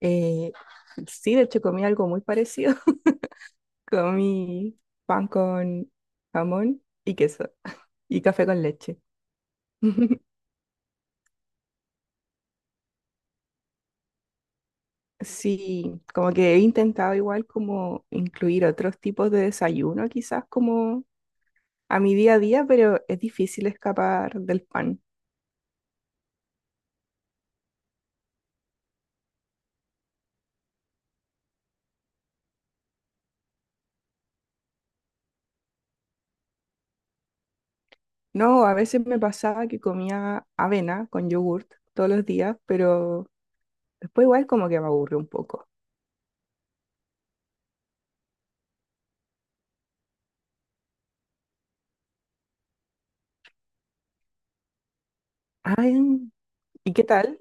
Eh, sí, de hecho comí algo muy parecido. Comí pan con jamón y queso y café con leche. Sí, como que he intentado igual como incluir otros tipos de desayuno quizás como a mi día a día, pero es difícil escapar del pan. No, a veces me pasaba que comía avena con yogurt todos los días, pero después igual como que me aburrió un poco. Ay, ¿y qué tal?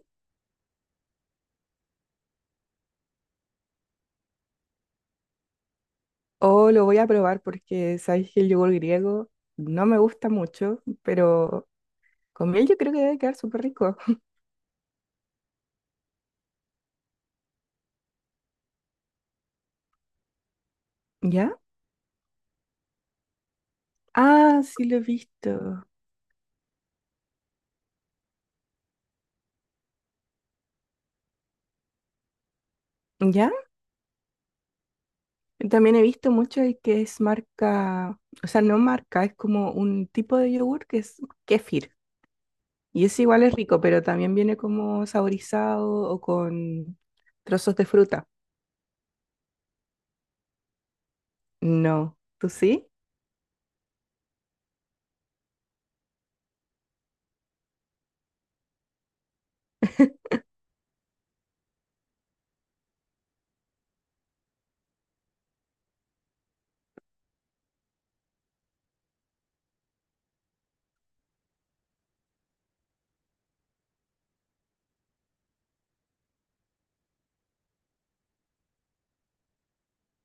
O lo voy a probar porque sabéis que el yogur griego no me gusta mucho, pero con miel yo creo que debe quedar súper rico. ¿Ya? Ah, sí lo he visto. ¿Ya? También he visto mucho el que es marca, o sea, no marca, es como un tipo de yogur que es kéfir. Y ese igual es rico, pero también viene como saborizado o con trozos de fruta. No, ¿tú sí?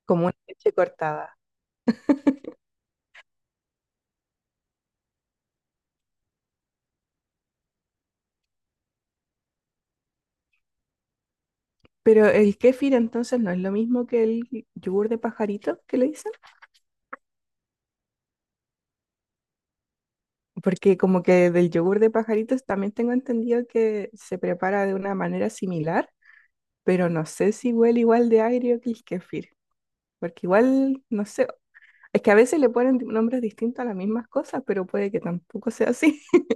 Como una leche cortada. Pero el kéfir entonces no es lo mismo que el yogur de pajarito que le dicen. Porque como que del yogur de pajaritos también tengo entendido que se prepara de una manera similar, pero no sé si huele igual de agrio que el kéfir, porque igual, no sé, es que a veces le ponen nombres distintos a las mismas cosas, pero puede que tampoco sea así.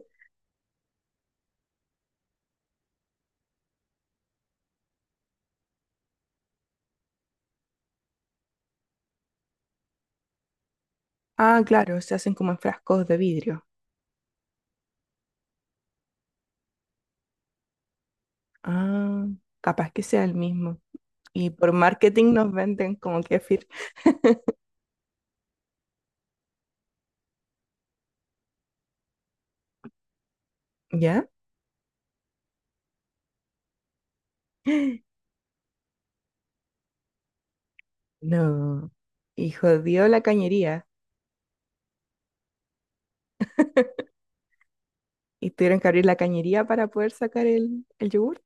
Ah, claro, se hacen como en frascos de vidrio. Ah, capaz que sea el mismo. Y por marketing nos venden como kéfir. ¿Ya? No. Y jodió la cañería. Y tuvieron que abrir la cañería para poder sacar el yogur.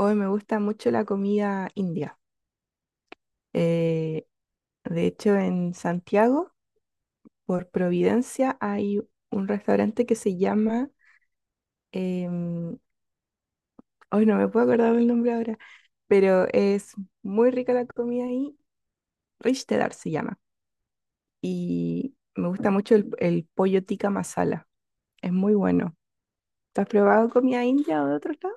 Hoy me gusta mucho la comida india. Eh, de hecho, en Santiago, por Providencia, hay un restaurante que se llama, em, hoy no me puedo acordar del nombre ahora, pero es muy rica la comida ahí. Rishtedar se llama. Y me gusta mucho el pollo tikka masala. Es muy bueno. ¿Tú has probado comida india o de otro lado?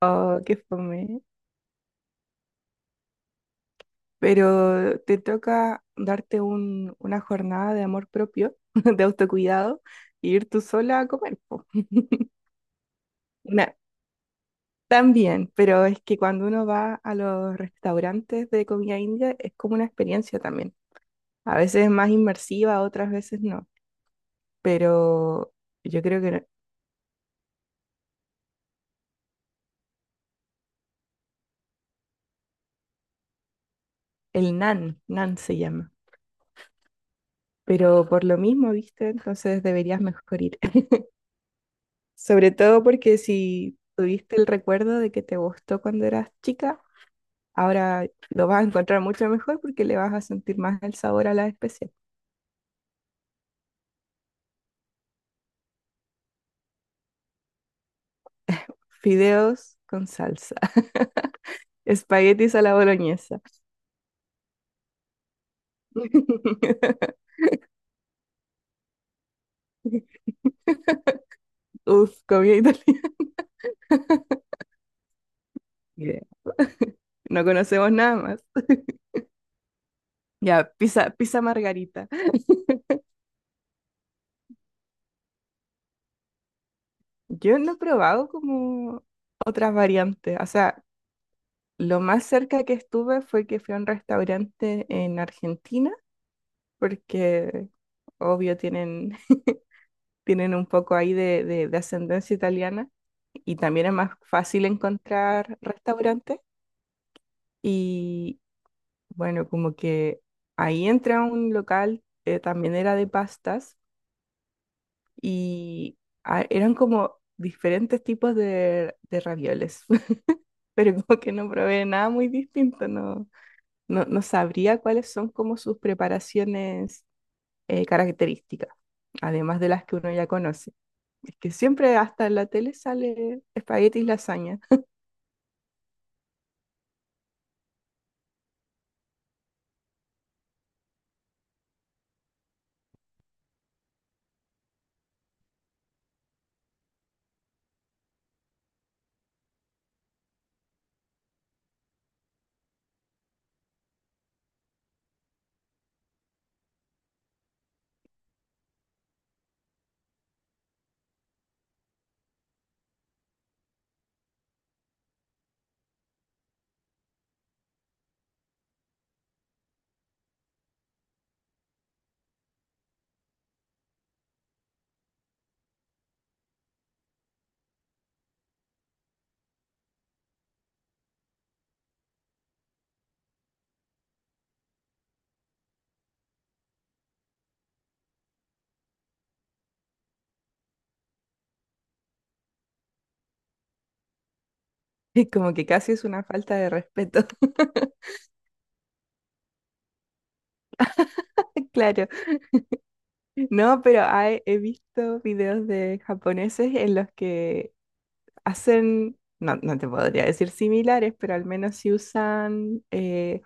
Oh, qué fome, pero te toca darte una jornada de amor propio, de autocuidado, e ir tú sola a comer, po. Una... también, pero es que cuando uno va a los restaurantes de comida india es como una experiencia también. A veces es más inmersiva, otras veces no, pero yo creo que no... el nan, nan se llama. Pero por lo mismo, ¿viste? Entonces deberías mejor ir. Sobre todo porque si tuviste el recuerdo de que te gustó cuando eras chica, ahora lo vas a encontrar mucho mejor porque le vas a sentir más el sabor a la especial. Fideos con salsa, espaguetis a la boloñesa. Uf, comida italiana. Yeah. No conocemos nada más. Ya, pizza, pizza margarita. Yo no he probado como otras variantes. O sea, lo más cerca que estuve fue que fui a un restaurante en Argentina, porque obvio tienen un poco ahí de, de ascendencia italiana y también es más fácil encontrar restaurantes. Y bueno, como que ahí entra un local, también era de pastas. Y ah, eran como diferentes tipos de ravioles, pero como que no probé nada muy distinto. No, no, no sabría cuáles son como sus preparaciones características, además de las que uno ya conoce. Es que siempre hasta en la tele sale espaguetis lasaña. Es como que casi es una falta de respeto. Claro. No, pero hay... he visto videos de japoneses en los que hacen, no, no te podría decir similares, pero al menos sí usan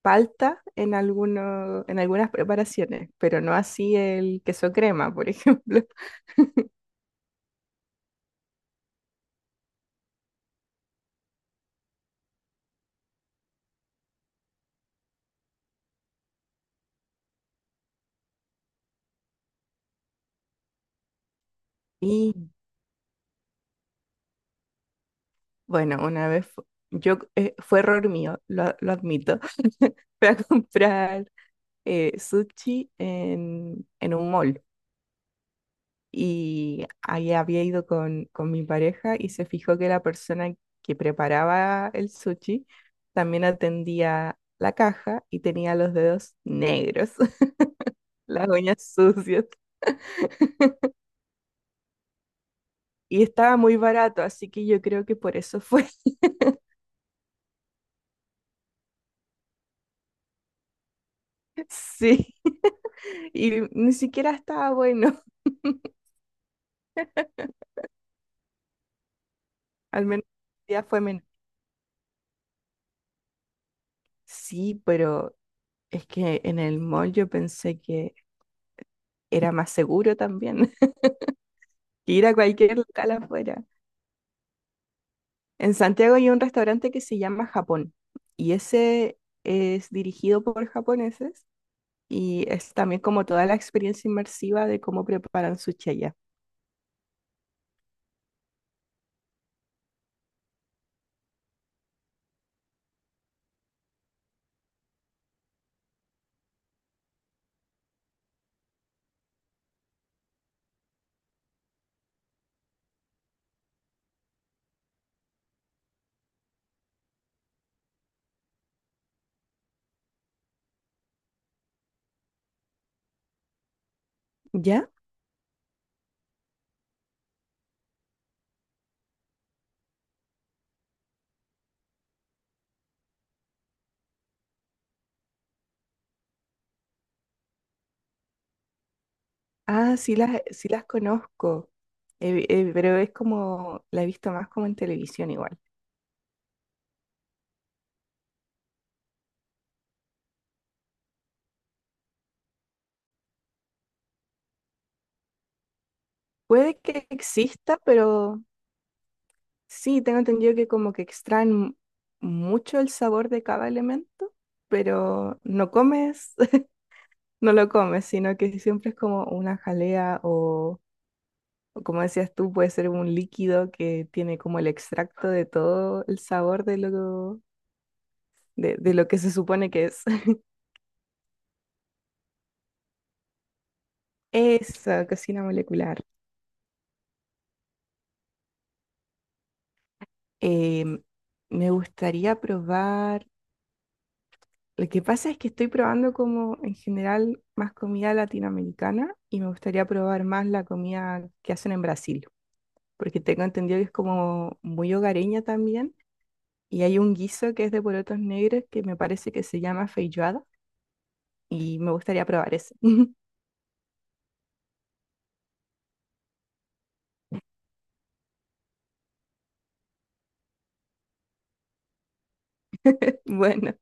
palta en alguno, en algunas preparaciones, pero no así el queso crema, por ejemplo. Y bueno, una vez yo fue error mío, lo admito. Fui a comprar sushi en un mall y ahí había ido con mi pareja y se fijó que la persona que preparaba el sushi también atendía la caja y tenía los dedos negros, las uñas sucias y estaba muy barato, así que yo creo que por eso fue. Sí, y ni siquiera estaba bueno. Al menos ya fue menos. Sí, pero es que en el mall yo pensé que era más seguro también que ir a cualquier local afuera. En Santiago hay un restaurante que se llama Japón y ese es dirigido por japoneses y es también como toda la experiencia inmersiva de cómo preparan sushi allá. ¿Ya? Ah, sí las conozco, pero es como, la he visto más como en televisión igual. Puede que exista, pero sí, tengo entendido que como que extraen mucho el sabor de cada elemento, pero no comes, no lo comes, sino que siempre es como una jalea o como decías tú, puede ser un líquido que tiene como el extracto de todo el sabor de lo que se supone que es. Esa cocina molecular. Em, Me gustaría probar, lo que pasa es que estoy probando como en general más comida latinoamericana y me gustaría probar más la comida que hacen en Brasil, porque tengo entendido que es como muy hogareña también. Y hay un guiso que es de porotos negros que me parece que se llama feijoada y me gustaría probar ese. Bueno.